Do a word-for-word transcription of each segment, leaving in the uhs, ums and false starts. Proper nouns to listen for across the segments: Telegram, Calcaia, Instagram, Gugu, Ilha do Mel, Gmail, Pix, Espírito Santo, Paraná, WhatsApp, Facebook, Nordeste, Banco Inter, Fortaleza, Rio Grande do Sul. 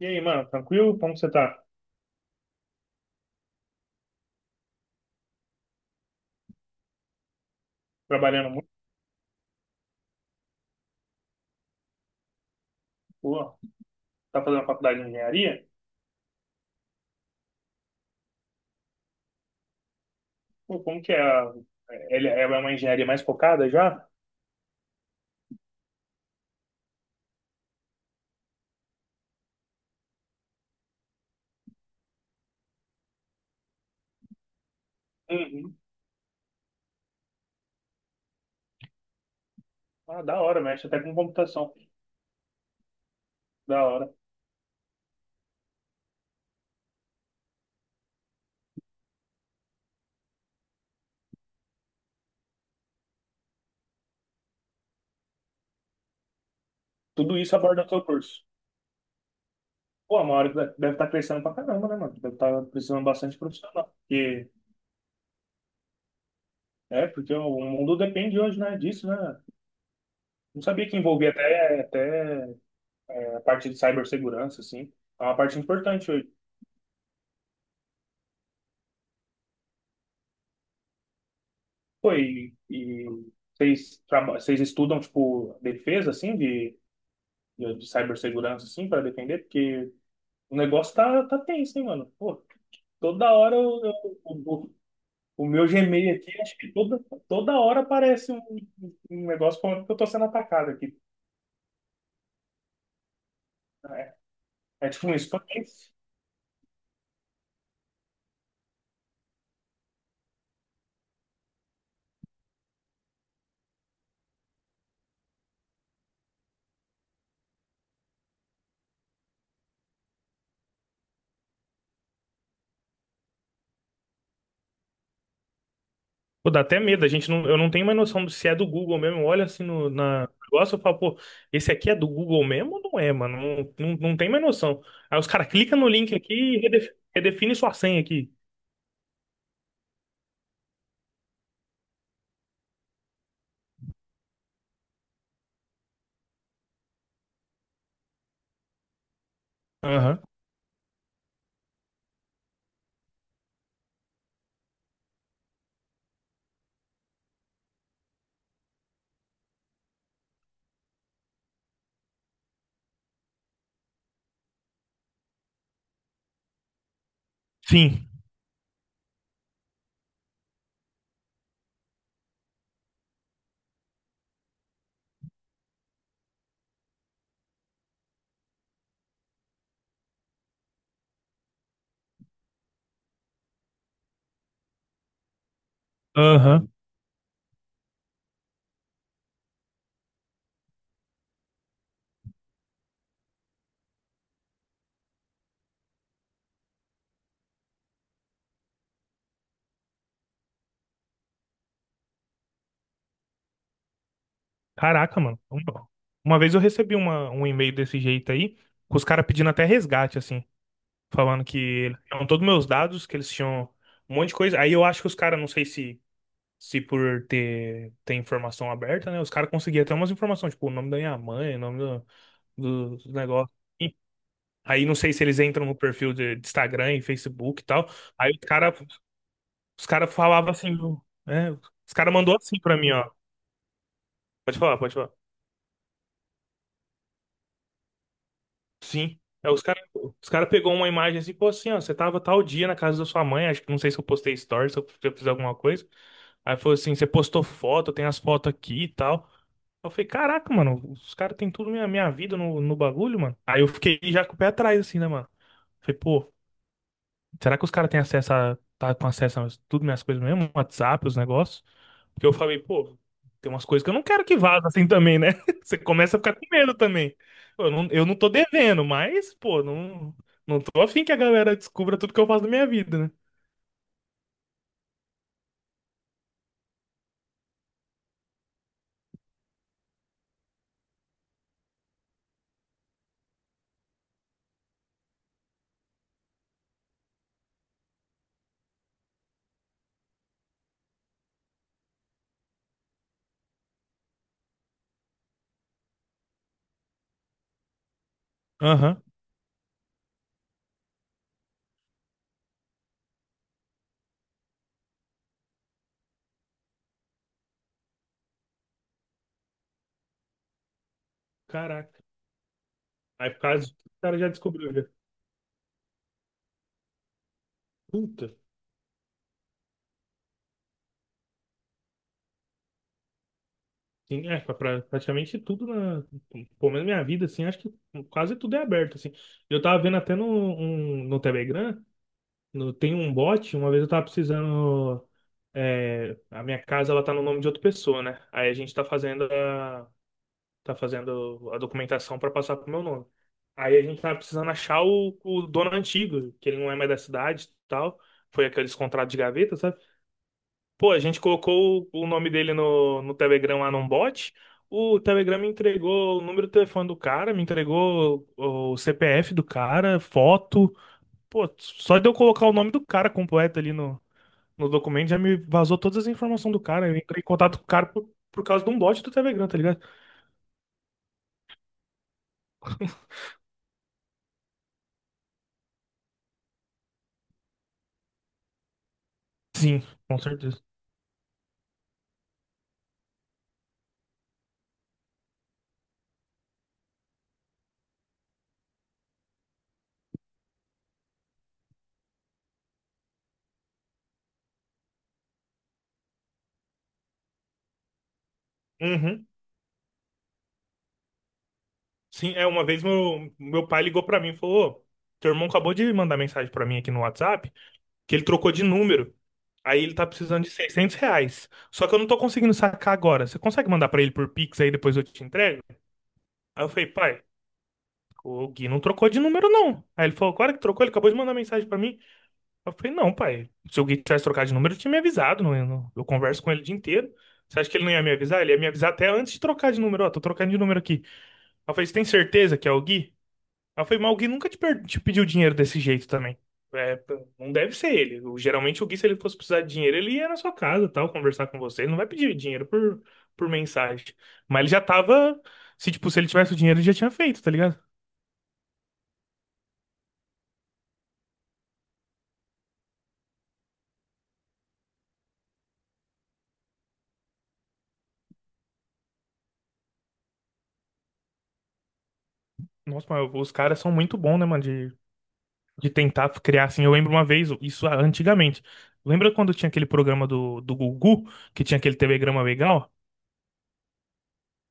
E aí, mano, tranquilo? Como que você tá trabalhando muito? Pô, tá fazendo faculdade de engenharia? Pô, como que é? a- é- Ele é uma engenharia mais focada já? Uhum. Ah, da hora, mexe até com computação. Da hora. Tudo isso aborda o seu curso. Pô, a Mauri deve estar crescendo pra caramba, né, mano? Deve estar precisando bastante profissional. Porque, é, porque o mundo depende hoje, né, disso, né? Não sabia que envolvia até, até é, a parte de cibersegurança, assim. É uma parte importante hoje. Foi, e vocês, traba- vocês estudam, tipo, defesa, assim, de, de, de cibersegurança, assim, para defender? Porque o negócio tá, tá tenso, hein, mano? Pô, toda hora eu, eu- o, o- o meu Gmail aqui, acho que toda, toda hora aparece um, um um negócio falando que eu tô sendo atacado aqui. É, é tipo um spam. Pô, dá até medo, a gente não, eu não tenho mais noção se é do Google mesmo. Olha assim no na no negócio eu falo, pô, esse aqui é do Google mesmo ou não é, mano? Não, não, não tem mais noção. Aí os caras clicam no link aqui e redef- redefine sua senha aqui. Aham. Sim. Aham. Caraca, mano. Uma uma vez eu recebi uma, um e-mail desse jeito aí, com os caras pedindo até resgate, assim, falando que eles tinham todos meus dados, que eles tinham um monte de coisa. Aí eu acho que os caras, não sei se se por ter, ter informação aberta, né? Os caras conseguiam até umas informações, tipo, o nome da minha mãe, o nome do, do negócio. E aí não sei se eles entram no perfil de, de Instagram e Facebook e tal. Aí os cara, os cara falavam assim, né? Os cara mandou assim pra mim, ó. Pode falar, pode falar. Sim. Aí os cara, os cara pegou uma imagem assim, pô, assim, ó, você tava tal dia na casa da sua mãe, acho que não sei se eu postei stories, se eu se eu fiz alguma coisa. Aí falou assim, você postou foto, tem as fotos aqui e tal. Eu falei, caraca, mano, os caras têm tudo minha, minha vida no, no bagulho, mano. Aí eu fiquei já com o pé atrás, assim, né, mano? Falei, pô, será que os caras têm acesso a, tá com acesso a tudo minhas coisas mesmo? WhatsApp, os negócios? Porque eu falei, pô, tem umas coisas que eu não quero que vaza assim também, né? Você começa a ficar com medo também. Pô, Eu não, eu não tô devendo, mas, pô, não, não tô afim que a galera descubra tudo que eu faço da minha vida, né? Aham. Caraca. Aí por causa disso, o cara já descobriu, já. Puta. Sim, é, pra- pra- praticamente tudo na, pelo menos minha vida, assim, acho que quase tudo é aberto, assim. Eu tava vendo até no, um- no Telegram, no- tem um bot, uma vez eu tava precisando, é, a minha casa, ela tá no nome de outra pessoa, né? Aí a gente tá fazendo a, tá fazendo a documentação pra passar pro meu nome. Aí a gente tava precisando achar o, o dono antigo, que ele não é mais da cidade e tal, foi aqueles contratos de gaveta, sabe? Pô, a gente colocou o, o nome dele no, no Telegram lá num bot. O Telegram me entregou o número do telefone do cara, me entregou o, o C P F do cara, foto. Pô, só de eu colocar o nome do cara completo ali no, no documento já me vazou todas as informações do cara. Eu entrei em contato com o cara por, por causa de um bot do Telegram, tá ligado? Sim, com certeza. Uhum. Sim, é, uma vez meu, meu pai ligou pra mim e falou: "Ô, teu irmão acabou de mandar mensagem pra mim aqui no WhatsApp, que ele trocou de número. Aí ele tá precisando de seiscentos reais. Só que eu não tô conseguindo sacar agora. Você consegue mandar pra ele por Pix aí depois eu te entrego?" Aí eu falei, pai, o Gui não trocou de número não. Aí ele falou, claro que trocou, ele acabou de mandar mensagem pra mim. Eu falei, não, pai, se o Gui tivesse trocado de número, eu tinha me avisado. Não, eu, não- eu converso com ele o dia inteiro. Você acha que ele não ia me avisar? Ele ia me avisar até antes de trocar de número. Ó, tô trocando de número aqui. Aí Eu falei, você tem certeza que é o Gui? Ela foi, mas alguém nunca te, per- te pediu dinheiro desse jeito também. É, p- não deve ser ele. O- Geralmente o Gui, se ele fosse precisar de dinheiro, ele ia na sua casa, tal, conversar com você. Ele não vai pedir dinheiro por, por mensagem. Mas ele já tava. Se, tipo, se ele tivesse o dinheiro, ele já tinha feito, tá ligado? Nossa, mas os caras são muito bons, né, mano? De, de tentar criar assim. Eu lembro uma vez, isso antigamente. Lembra quando tinha aquele programa do, do Gugu, que tinha aquele telegrama legal?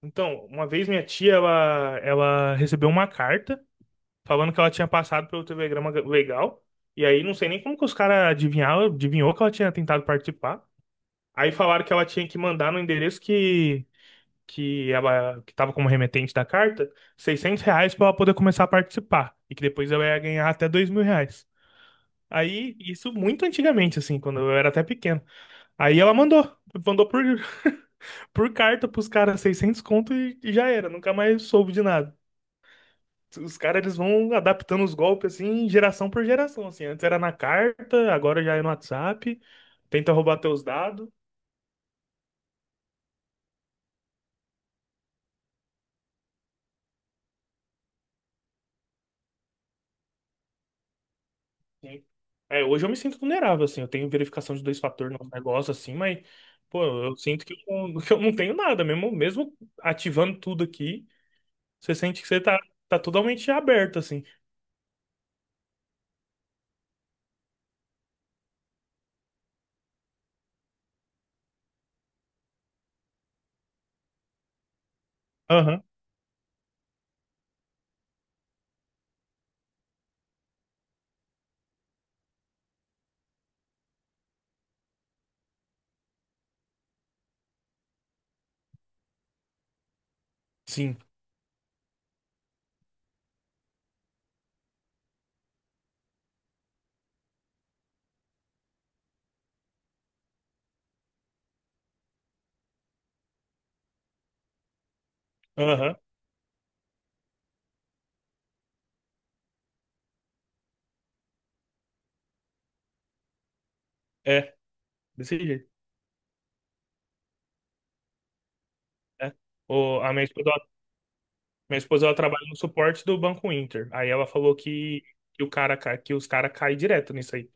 Então, uma vez minha tia, ela, ela recebeu uma carta. Falando que ela tinha passado pelo telegrama legal. E aí não sei nem como que os caras adivinharam, adivinhou que ela tinha tentado participar. Aí falaram que ela tinha que mandar no endereço que que ela que estava como remetente da carta, seiscentos reais para ela poder começar a participar e que depois ela ia ganhar até dois mil reais. Aí isso muito antigamente assim, quando eu era até pequeno. Aí ela mandou, mandou por por carta pros caras seiscentos conto e, e já era, nunca mais soube de nada. Os caras, eles vão adaptando os golpes, assim, geração por geração, assim. Antes era na carta, agora já é no WhatsApp. Tenta roubar teus dados. Sim. É, hoje eu me sinto vulnerável, assim. Eu tenho verificação de dois fatores no negócio, assim, mas, pô, eu sinto que eu, não- que eu não tenho nada. Mesmo, mesmo ativando tudo aqui, você sente que você tá, tá totalmente aberto, assim. Aham. Sim. Aham. É, desse jeito. É. O, a minha esposa Minha esposa, ela trabalha no suporte do Banco Inter. Aí ela falou que, que o cara, cai- que os caras caem direto nisso aí.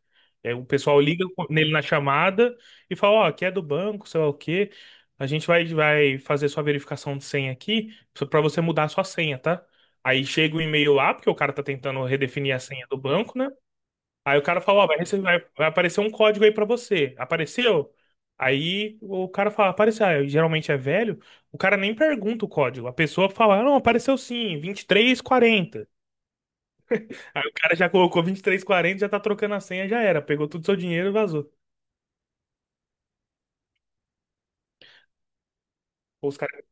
É, o pessoal liga com- nele na chamada e fala, ó, aqui é do banco, sei lá o quê. A gente vai, vai fazer sua verificação de senha aqui só pra você mudar a sua senha, tá? Aí chega o e-mail lá, porque o cara tá tentando redefinir a senha do banco, né? Aí o cara fala, ó, vai, rece- vai- vai aparecer um código aí pra você. Apareceu? Aí o cara fala, apareceu. Aí, geralmente é velho, o cara nem pergunta o código. A pessoa fala, "Ah, não, apareceu sim, vinte e três quarenta" Aí o cara já colocou vinte e três e quarenta, já tá trocando a senha, já era. Pegou todo o seu dinheiro e vazou. Os caras,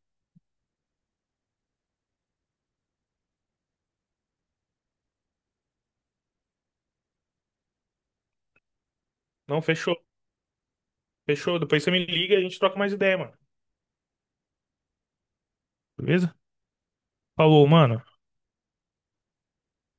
não, fechou, fechou. Depois você me liga e a gente troca mais ideia, mano. Beleza? Falou, mano.